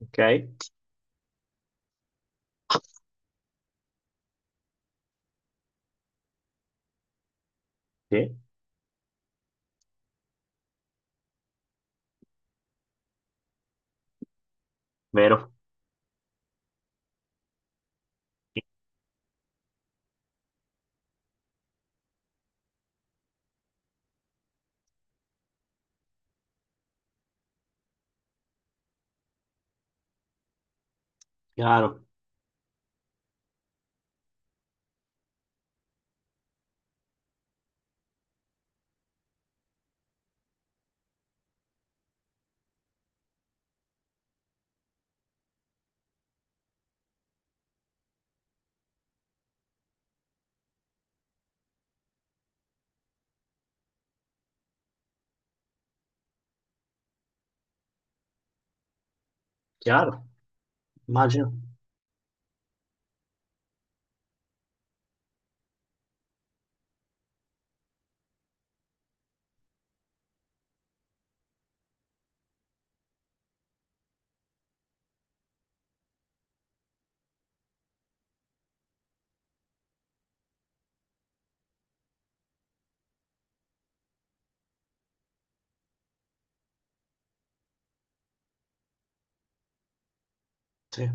Ok? Sì, vero, chiaro, chiaro, immagino. Sì,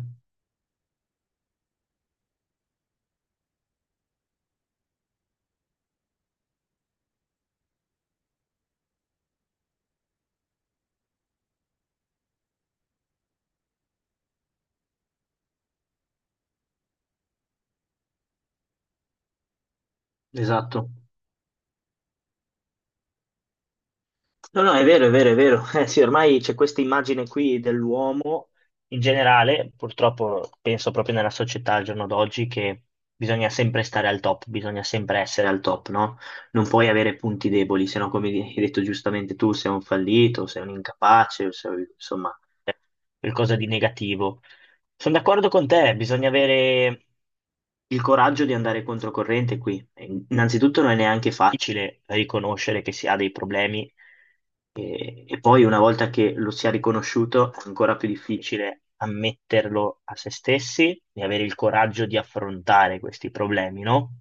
esatto. No, no, è vero, è vero, è vero. Eh sì, ormai c'è questa immagine qui dell'uomo in generale, purtroppo penso proprio nella società al giorno d'oggi che bisogna sempre stare al top, bisogna sempre essere al top, no? Non puoi avere punti deboli, se no, come hai detto giustamente tu, sei un fallito, sei un incapace, o sei, insomma, qualcosa di negativo. Sono d'accordo con te, bisogna avere il coraggio di andare controcorrente qui. Innanzitutto non è neanche facile riconoscere che si ha dei problemi e poi una volta che lo si è riconosciuto è ancora più difficile ammetterlo a se stessi e avere il coraggio di affrontare questi problemi, no?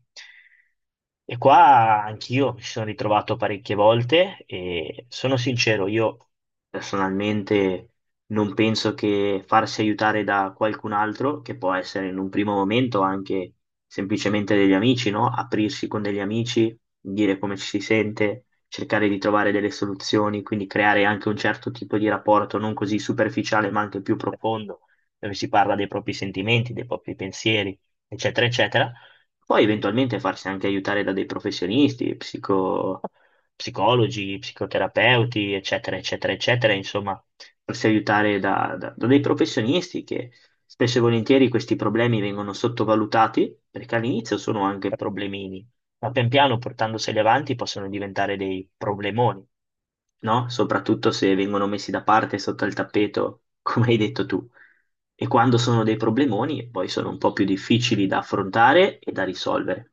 E qua anch'io mi sono ritrovato parecchie volte e sono sincero, io personalmente non penso che farsi aiutare da qualcun altro, che può essere in un primo momento anche semplicemente degli amici, no? Aprirsi con degli amici, dire come ci si sente, cercare di trovare delle soluzioni, quindi creare anche un certo tipo di rapporto non così superficiale, ma anche più profondo, dove si parla dei propri sentimenti, dei propri pensieri, eccetera, eccetera. Poi eventualmente farsi anche aiutare da dei professionisti, psicologi, psicoterapeuti, eccetera, eccetera, eccetera, insomma farsi aiutare da dei professionisti che spesso e volentieri questi problemi vengono sottovalutati perché all'inizio sono anche problemini, ma pian piano portandoseli avanti possono diventare dei problemoni, no? Soprattutto se vengono messi da parte sotto il tappeto, come hai detto tu. E quando sono dei problemoni, poi sono un po' più difficili da affrontare e da risolvere.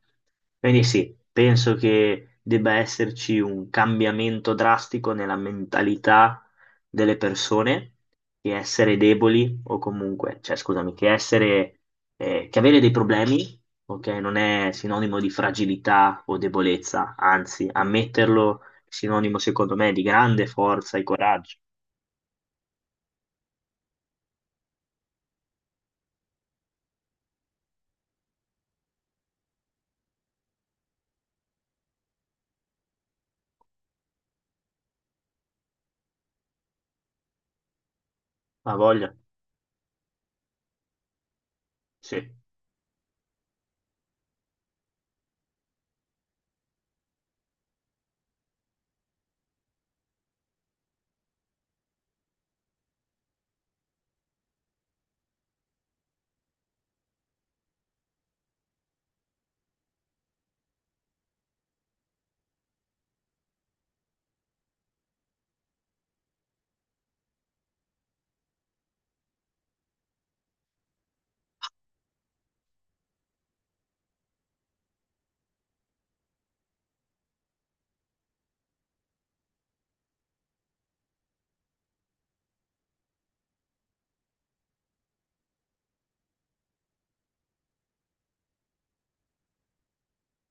Quindi sì, penso che debba esserci un cambiamento drastico nella mentalità delle persone che essere deboli o comunque, cioè scusami, che essere, che avere dei problemi, ok, non è sinonimo di fragilità o debolezza, anzi, ammetterlo è sinonimo secondo me di grande forza e coraggio. Ha voglia? Sì,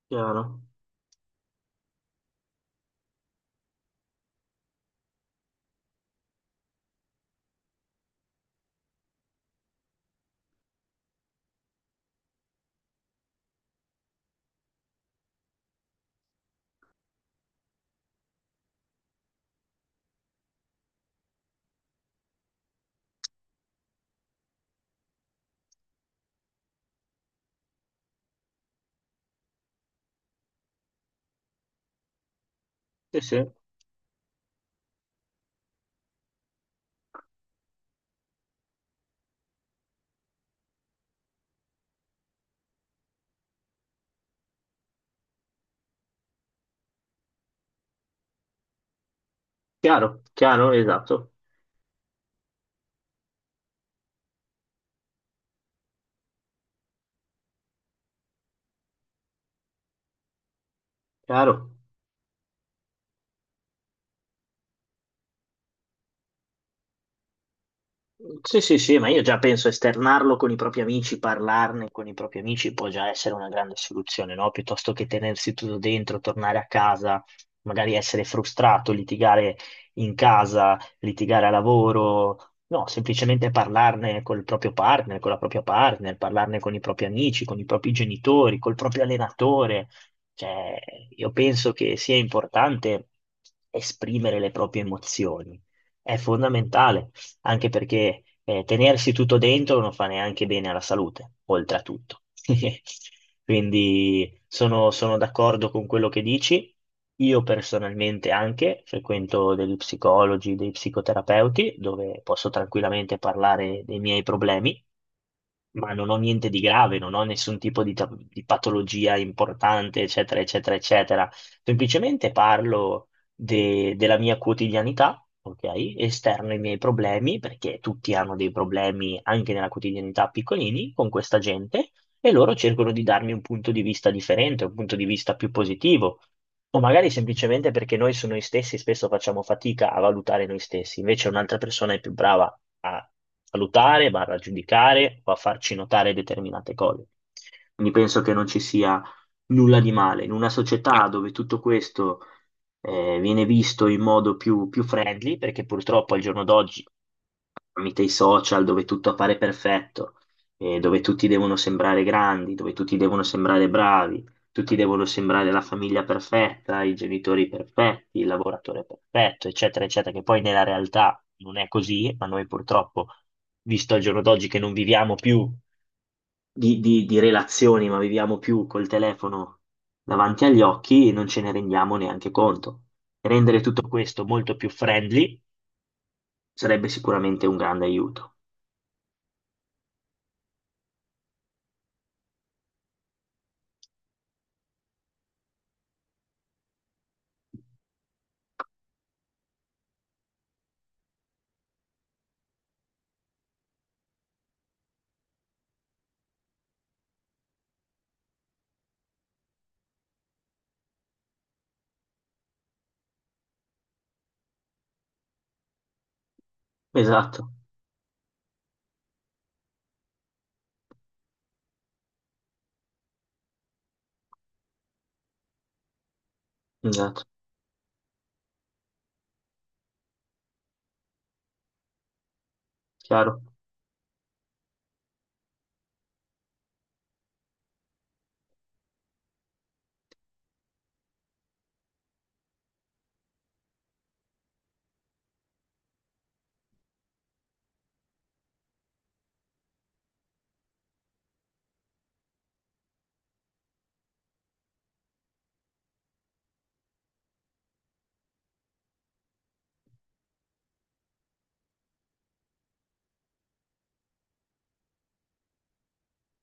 chiaro. Sì, sì, chiaro, chiaro, esatto, chiaro. Sì, sì, sì, ma io già penso esternarlo con i propri amici, parlarne con i propri amici può già essere una grande soluzione, no? Piuttosto che tenersi tutto dentro, tornare a casa, magari essere frustrato, litigare in casa, litigare a lavoro. No, semplicemente parlarne col proprio partner, con la propria partner, parlarne con i propri amici, con i propri genitori, col proprio allenatore. Cioè, io penso che sia importante esprimere le proprie emozioni. È fondamentale anche perché tenersi tutto dentro non fa neanche bene alla salute, oltre a tutto. Quindi sono d'accordo con quello che dici. Io personalmente anche frequento degli psicologi, dei psicoterapeuti, dove posso tranquillamente parlare dei miei problemi ma non ho niente di grave, non ho nessun tipo di, di patologia importante, eccetera, eccetera, eccetera. Semplicemente parlo della mia quotidianità, ok? Esterno ai miei problemi, perché tutti hanno dei problemi anche nella quotidianità piccolini con questa gente, e loro cercano di darmi un punto di vista differente, un punto di vista più positivo. O magari semplicemente perché noi su noi stessi spesso facciamo fatica a valutare noi stessi, invece un'altra persona è più brava a valutare, va a giudicare o a farci notare determinate cose. Quindi penso che non ci sia nulla di male. In una società dove tutto questo viene visto in modo più friendly, perché purtroppo al giorno d'oggi tramite i social dove tutto appare perfetto, dove tutti devono sembrare grandi, dove tutti devono sembrare bravi, tutti devono sembrare la famiglia perfetta, i genitori perfetti, il lavoratore perfetto, eccetera, eccetera, che poi nella realtà non è così, ma noi purtroppo, visto al giorno d'oggi che non viviamo più di, di relazioni, ma viviamo più col telefono davanti agli occhi, non ce ne rendiamo neanche conto. Rendere tutto questo molto più friendly sarebbe sicuramente un grande aiuto. Esatto, esatto, chiaro,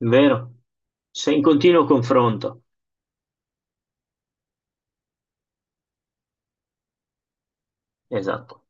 vero? Sei in continuo confronto, esatto.